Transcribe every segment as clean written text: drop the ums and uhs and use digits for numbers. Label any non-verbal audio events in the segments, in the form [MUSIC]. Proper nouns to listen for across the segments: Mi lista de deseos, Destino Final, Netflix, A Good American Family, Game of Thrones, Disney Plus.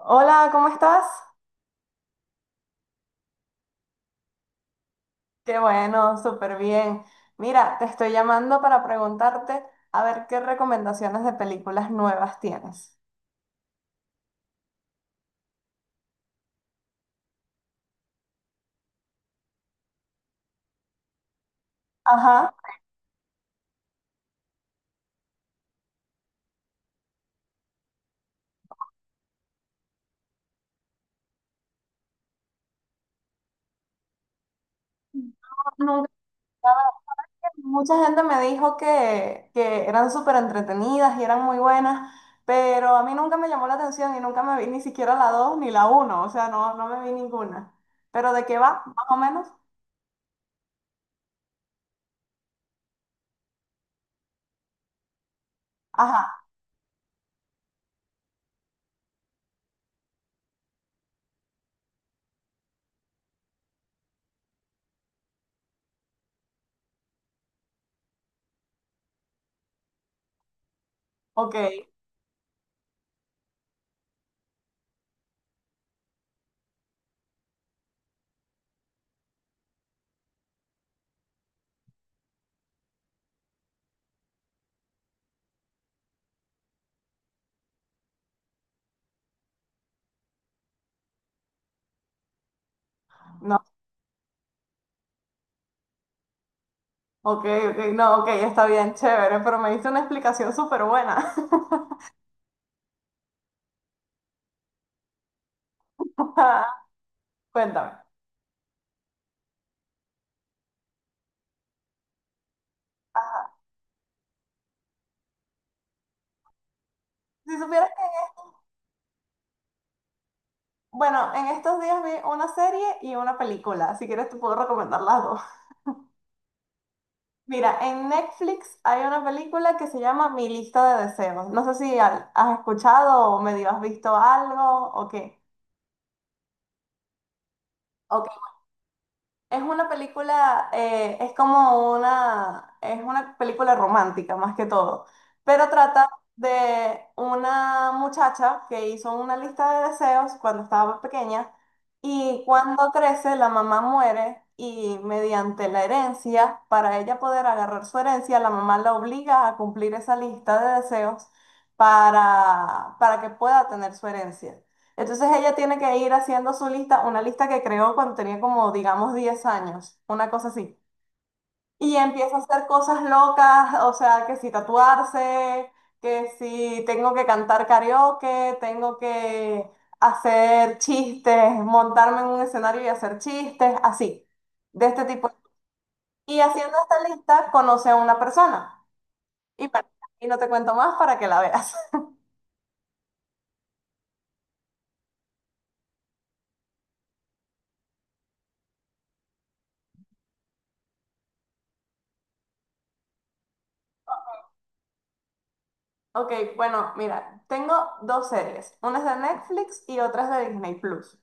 Hola, ¿cómo estás? Qué bueno, súper bien. Mira, te estoy llamando para preguntarte a ver qué recomendaciones de películas nuevas tienes. Ajá, nunca, mucha gente me dijo que eran súper entretenidas y eran muy buenas, pero a mí nunca me llamó la atención y nunca me vi ni siquiera la 2 ni la uno, o sea, no, no me vi ninguna. ¿Pero de qué va, más o menos? Ajá, ok, no, ok, ok, no, ok, está bien, chévere, pero me diste una explicación súper buena. [LAUGHS] Cuéntame. Si supieras que, bueno, en estos días vi una serie y una película. Si quieres te puedo recomendar las dos. Mira, en Netflix hay una película que se llama Mi lista de deseos. No sé si has escuchado o medio has visto algo o qué. Es una película, es una película romántica más que todo, pero trata de una muchacha que hizo una lista de deseos cuando estaba pequeña y cuando crece la mamá muere y mediante la herencia, para ella poder agarrar su herencia, la mamá la obliga a cumplir esa lista de deseos para que pueda tener su herencia. Entonces ella tiene que ir haciendo su lista, una lista que creó cuando tenía como, digamos, 10 años, una cosa así. Y empieza a hacer cosas locas, o sea, que si tatuarse, que si tengo que cantar karaoke, tengo que hacer chistes, montarme en un escenario y hacer chistes, así, de este tipo. Y haciendo esta lista conoce a una persona. Y bueno, y no te cuento más para que la veas. Ok, bueno, mira, tengo dos series. Una es de Netflix y otra es de Disney Plus.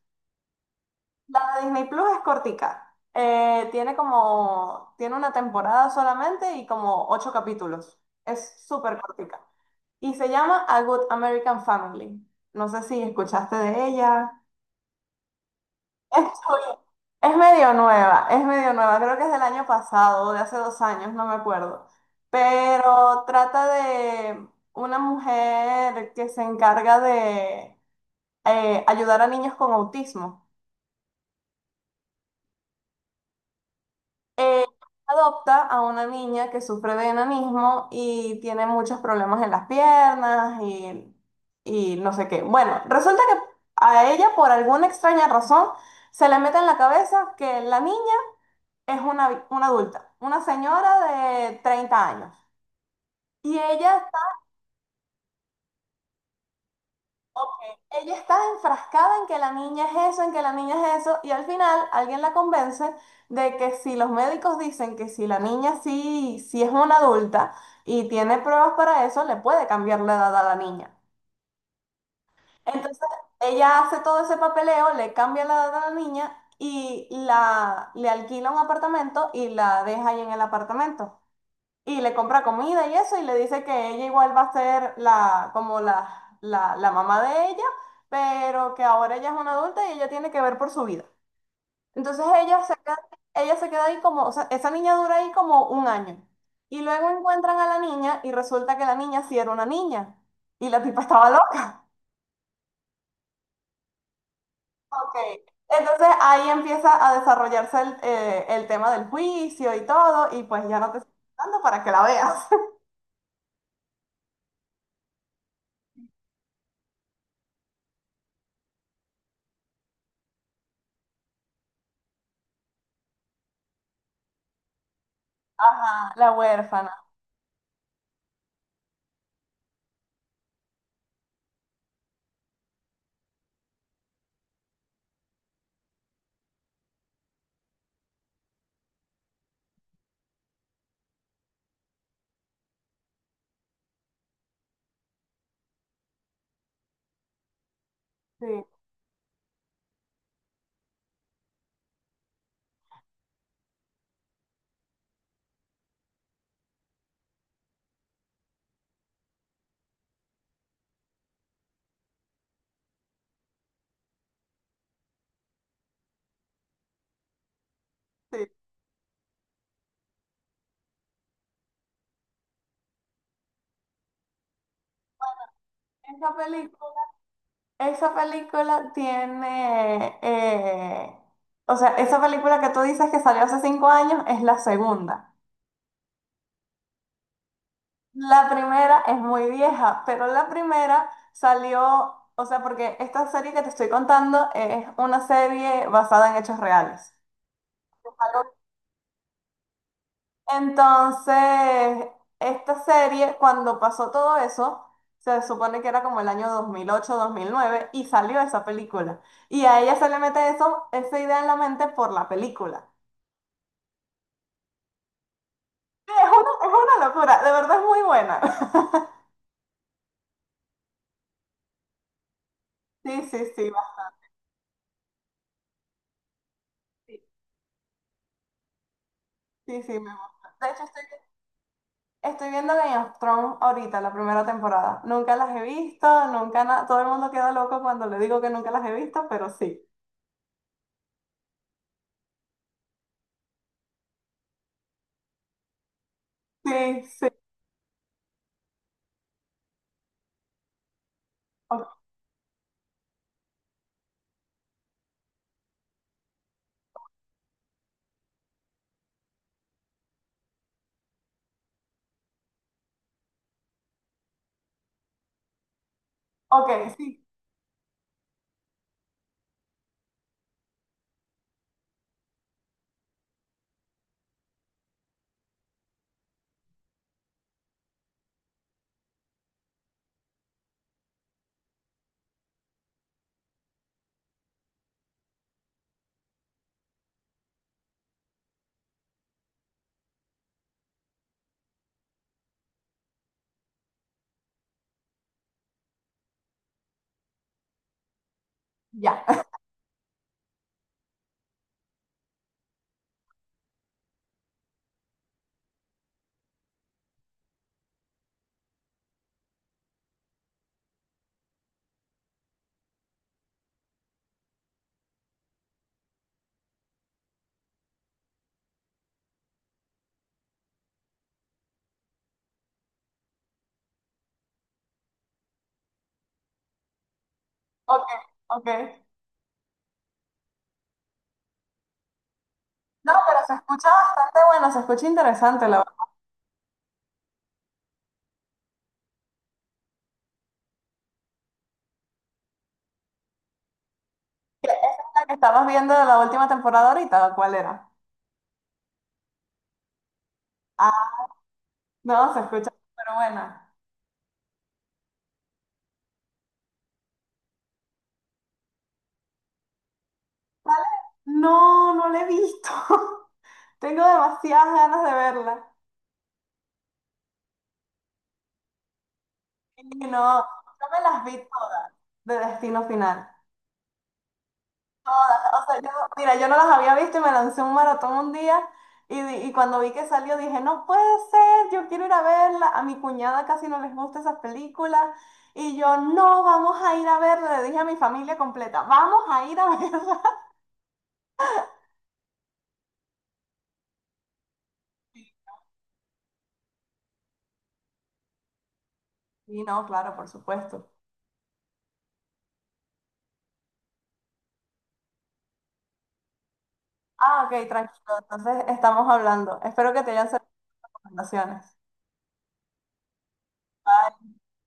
La de Disney Plus es cortica. Tiene una temporada solamente y como ocho capítulos. Es súper cortica. Y se llama A Good American Family. No sé si escuchaste de ella. Estoy- es medio nueva, creo que es del año pasado, o de hace 2 años, no me acuerdo. Pero trata de una mujer que se encarga de ayudar a niños con autismo. Eh, adopta a una niña que sufre de enanismo y tiene muchos problemas en las piernas y no sé qué. Bueno, resulta que a ella, por alguna extraña razón, se le mete en la cabeza que la niña es una adulta, una señora de 30 años. Y ella está. Ok, ella está enfrascada en que la niña es eso, en que la niña es eso, y al final alguien la convence de que si los médicos dicen que si la niña sí, sí es una adulta y tiene pruebas para eso, le puede cambiar la edad a la niña. Entonces, ella hace todo ese papeleo, le cambia la edad a la niña y le alquila un apartamento y la deja ahí en el apartamento. Y le compra comida y eso, y le dice que ella igual va a ser la, como la mamá de ella, pero que ahora ella es una adulta y ella tiene que ver por su vida. Entonces ella se queda ahí como, o sea, esa niña dura ahí como un año. Y luego encuentran a la niña y resulta que la niña sí era una niña. Y la tipa estaba loca. Ok. Entonces ahí empieza a desarrollarse el tema del juicio y todo, y pues ya no te estoy contando para que la veas. [LAUGHS] Ajá, la huérfana. Sí, sí. Esa película, esa película tiene, o sea, esa película que tú dices que salió hace 5 años es la segunda. La primera es muy vieja, pero la primera salió, o sea, porque esta serie que te estoy contando es una serie basada en hechos reales. Entonces, esta serie, cuando pasó todo eso, se supone que era como el año 2008 2009 y salió esa película. Y a ella se le mete eso, esa idea en la mente por la película. Sí, es una locura, de verdad es muy buena. [LAUGHS] Sí, sí, sí, va. Sí, sí, sí, me gusta. De hecho, estoy viendo Game of Thrones ahorita, la primera temporada. Nunca las he visto, nunca nada. Todo el mundo queda loco cuando le digo que nunca las he visto, pero sí. Sí, sí. Ok, ok, sí, ya. Ok, ok. No, pero se escucha bastante bueno, se escucha interesante la verdad. ¿Esa es la que estabas viendo de la última temporada ahorita? ¿O cuál era? Ah, no, se escucha súper buena. ¿Vale? No, no la he visto. [LAUGHS] Tengo demasiadas ganas de verla. Y no, yo me las vi todas de Destino Final. Jodas, o sea, yo, mira, yo no las había visto y me lancé un maratón un día y cuando vi que salió dije, no puede ser, yo quiero ir a verla. A mi cuñada casi no les gusta esas películas y yo, no, vamos a ir a verla. Le dije a mi familia completa, vamos a ir a verla. [LAUGHS] Y no, claro, por supuesto. Ah, ok, tranquilo. Entonces estamos hablando. Espero que te hayan servido las recomendaciones.